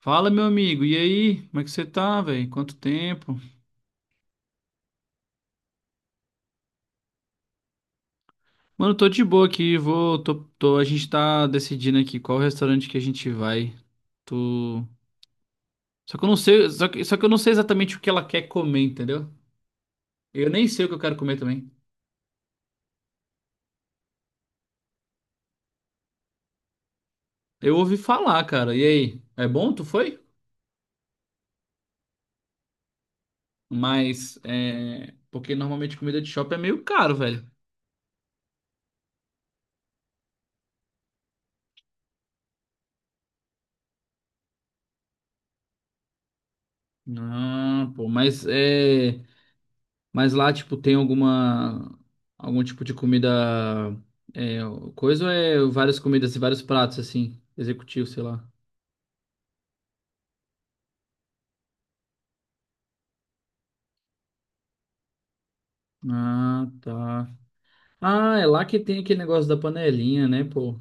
Fala, meu amigo, e aí? Como é que você tá, velho? Quanto tempo? Mano, tô de boa aqui, a gente tá decidindo aqui qual restaurante que a gente vai. Tô. Só que eu não sei, só que eu não sei exatamente o que ela quer comer, entendeu? Eu nem sei o que eu quero comer também. Eu ouvi falar, cara, e aí? É bom? Tu foi? Porque normalmente comida de shopping é meio caro, velho. Ah, pô. Mas lá, tipo, tem algum tipo de comida é, coisa ou é várias comidas e vários pratos assim, executivo, sei lá. Ah, tá. Ah, é lá que tem aquele negócio da panelinha, né, pô?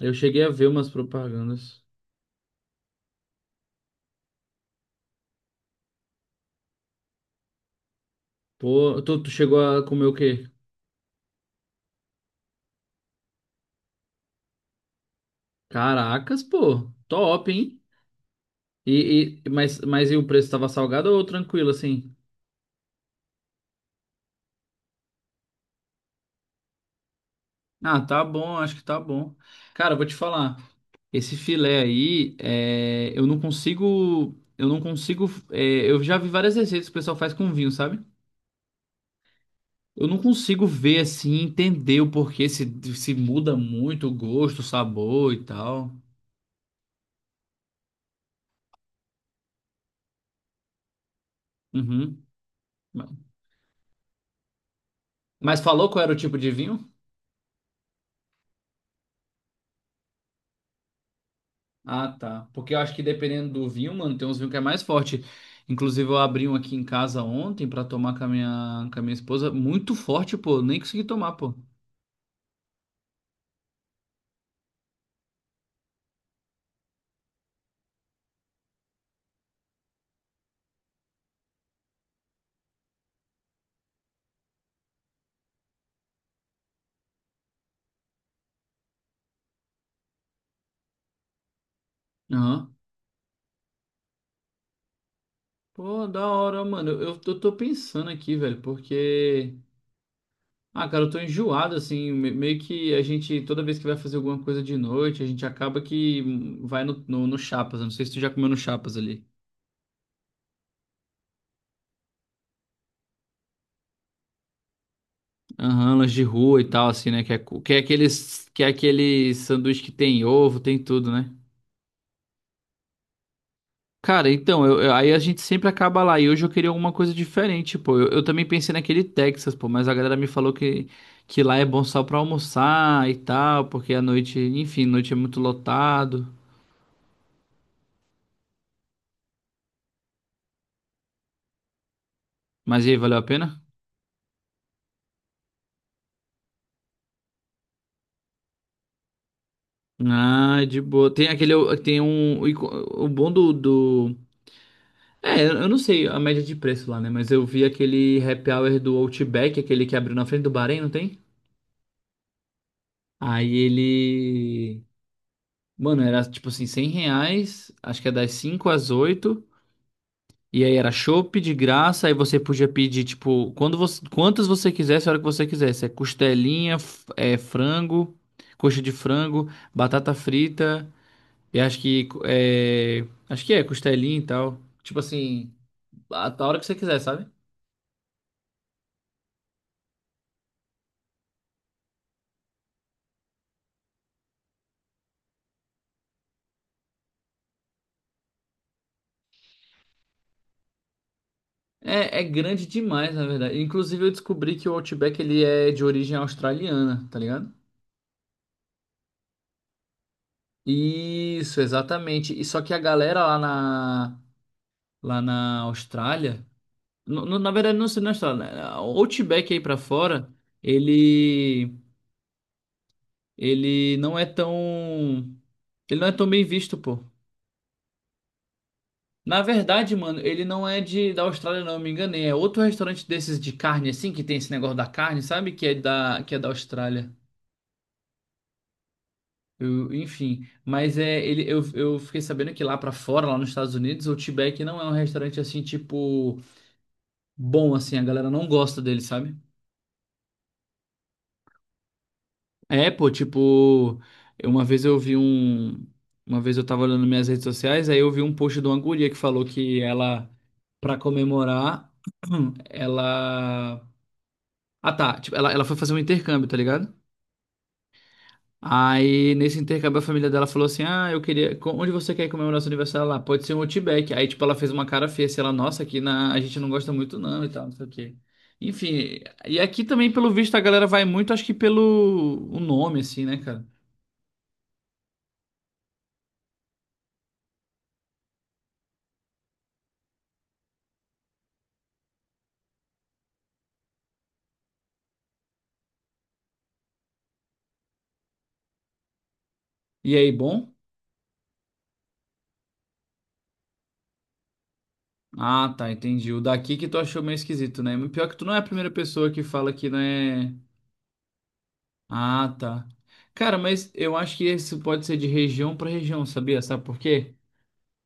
Eu cheguei a ver umas propagandas. Pô, tu chegou a comer o quê? Caracas, pô. Top, hein? E mas e o preço tava salgado ou tranquilo assim? Ah, tá bom, acho que tá bom. Cara, eu vou te falar. Esse filé aí, eu não consigo, eu já vi várias receitas que o pessoal faz com vinho, sabe? Eu não consigo ver assim, entender o porquê se muda muito o gosto, o sabor e tal. Uhum. Mas falou qual era o tipo de vinho? Ah, tá. Porque eu acho que dependendo do vinho, mano, tem uns vinhos que é mais forte. Inclusive, eu abri um aqui em casa ontem pra tomar com a minha esposa. Muito forte, pô. Eu nem consegui tomar, pô. Aham. Pô, da hora, mano. Eu tô pensando aqui, velho, porque. Ah, cara, eu tô enjoado, assim. Meio que a gente, toda vez que vai fazer alguma coisa de noite, a gente acaba que vai no Chapas. Eu não sei se tu já comeu no Chapas ali. Aham, lanche de rua e tal, assim, né? Que é, que é aquele sanduíche que tem ovo, tem tudo, né? Cara, então, aí a gente sempre acaba lá. E hoje eu queria alguma coisa diferente, pô. Eu também pensei naquele Texas, pô, mas a galera me falou que lá é bom só pra almoçar e tal, porque a noite, enfim, noite é muito lotado. Mas e aí, valeu a pena? Ah, de boa. Tem aquele, tem um, o o bom do. É, eu não sei a média de preço lá, né? Mas eu vi aquele happy hour do Outback, aquele que abriu na frente do Bahrein, não tem? Aí ele. Mano, era tipo assim, R$ 100, acho que é das 5 às oito. E aí era chopp de graça, aí você podia pedir, tipo, quantas você quisesse, a hora que você quisesse. É costelinha, é frango, coxa de frango, batata frita, e acho que é, costelinha e tal. Tipo assim, a hora que você quiser, sabe? É grande demais, na verdade. Inclusive eu descobri que o Outback ele é de origem australiana, tá ligado? Isso, exatamente. E só que a galera lá na Austrália. Na verdade, não, não está, né? O Outback aí pra fora, ele. Ele não é tão. Ele não é tão bem visto, pô. Na verdade, mano, ele não é de da Austrália, não, eu me enganei. É outro restaurante desses de carne, assim, que tem esse negócio da carne, sabe? Que é da Austrália. Enfim, mas é ele eu fiquei sabendo que lá pra fora, lá nos Estados Unidos, o Outback não é um restaurante assim, tipo, bom assim, a galera não gosta dele, sabe? É, pô, tipo, uma vez eu vi um. Uma vez eu tava olhando minhas redes sociais, aí eu vi um post de uma guria que falou que ela, pra comemorar, ela. Ah, tá. Tipo, ela foi fazer um intercâmbio, tá ligado? Aí, nesse intercâmbio, a família dela falou assim: "Ah, eu queria. Onde você quer comemorar seu aniversário lá? Pode ser um Outback." Aí, tipo, ela fez uma cara feia, assim, ela, nossa, aqui na, a gente não gosta muito, não, e tal, não sei o quê. Enfim, e aqui também, pelo visto, a galera vai muito, acho que pelo o nome, assim, né, cara? E aí, bom? Ah, tá, entendi. O daqui que tu achou meio esquisito, né? Pior que tu não é a primeira pessoa que fala que não é. Ah, tá. Cara, mas eu acho que isso pode ser de região pra região, sabia? Sabe por quê?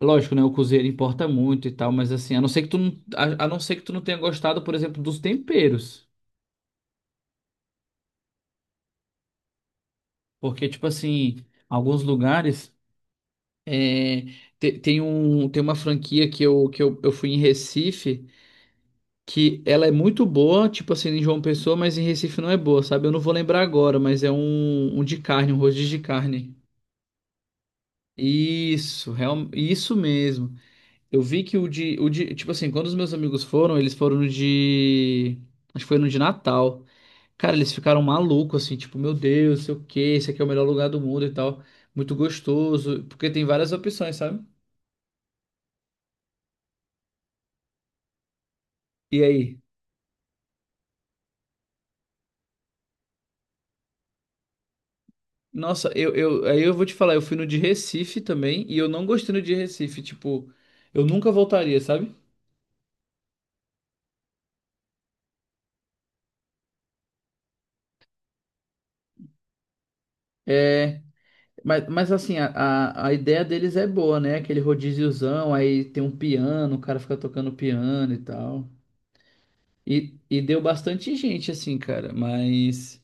Lógico, né? O cozinheiro importa muito e tal, mas assim, a não ser que tu não tenha gostado, por exemplo, dos temperos. Porque, tipo assim, alguns lugares é, tem uma franquia que eu fui em Recife, que ela é muito boa, tipo assim, em João Pessoa, mas em Recife não é boa, sabe? Eu não vou lembrar agora, mas é um de carne, um rodízio de carne. Isso, real, isso mesmo. Eu vi que o de, tipo assim, quando os meus amigos foram, eles foram no de, acho que foi no de Natal. Cara, eles ficaram malucos, assim, tipo, meu Deus, sei o quê, esse aqui é o melhor lugar do mundo e tal. Muito gostoso, porque tem várias opções, sabe? E aí? Nossa, aí eu vou te falar, eu fui no de Recife também e eu não gostei no de Recife, tipo, eu nunca voltaria, sabe? É, mas assim, a ideia deles é boa, né? Aquele rodíziozão, aí tem um piano, o cara fica tocando piano e tal. E deu bastante gente, assim, cara, mas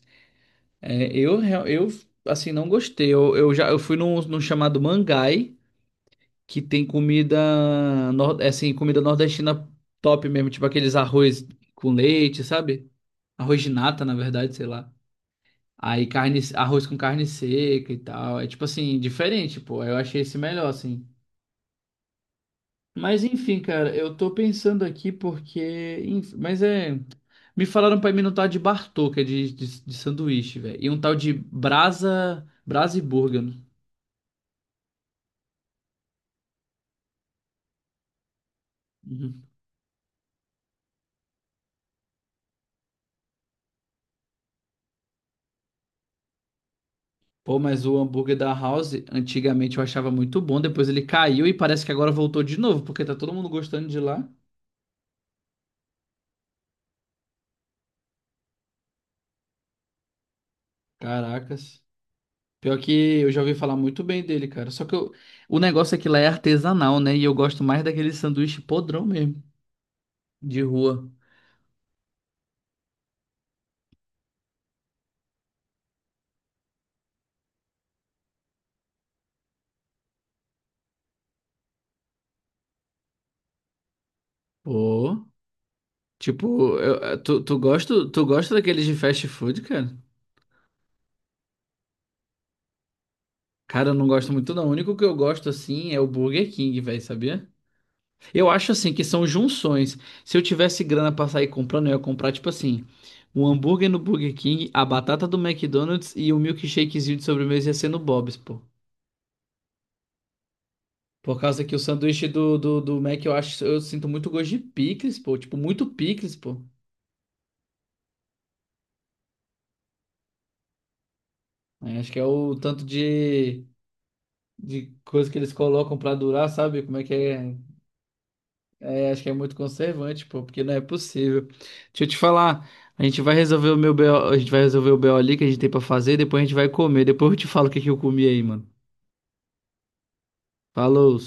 eu, assim, não gostei. Eu fui num chamado Mangai, que tem comida, assim, comida nordestina top mesmo, tipo aqueles arroz com leite, sabe? Arroz de nata, na verdade, sei lá. Aí carne, arroz com carne seca e tal. É tipo assim, diferente, pô. Eu achei esse melhor, assim. Mas enfim, cara, eu tô pensando aqui porque. Mas é. Me falaram pra mim um tal de Bartô, que é de sanduíche, velho. E um tal de Brasa. Brasa e Burger, né? Uhum. Pô, mas o hambúrguer da House, antigamente eu achava muito bom. Depois ele caiu e parece que agora voltou de novo, porque tá todo mundo gostando de lá. Caracas. Pior que eu já ouvi falar muito bem dele, cara. Só que o negócio é que lá é artesanal, né? E eu gosto mais daquele sanduíche podrão mesmo, de rua. Pô, tipo, tu gosta daqueles de fast food, cara? Cara, eu não gosto muito não. O único que eu gosto, assim, é o Burger King, velho, sabia? Eu acho, assim, que são junções. Se eu tivesse grana pra sair comprando, eu ia comprar, tipo assim, um hambúrguer no Burger King, a batata do McDonald's e o milkshakezinho de sobremesa ia ser no Bob's, pô. Por causa que o sanduíche do Mac eu acho, eu sinto muito gosto de picles, pô. Tipo, muito picles, pô. É, acho que é o tanto de coisa que eles colocam pra durar, sabe? Como é que é? É, acho que é muito conservante, pô, porque não é possível. Deixa eu te falar, a gente vai resolver o meu BO, a gente vai resolver o BO ali que a gente tem pra fazer, depois a gente vai comer. Depois eu te falo o que que eu comi aí, mano. Falou!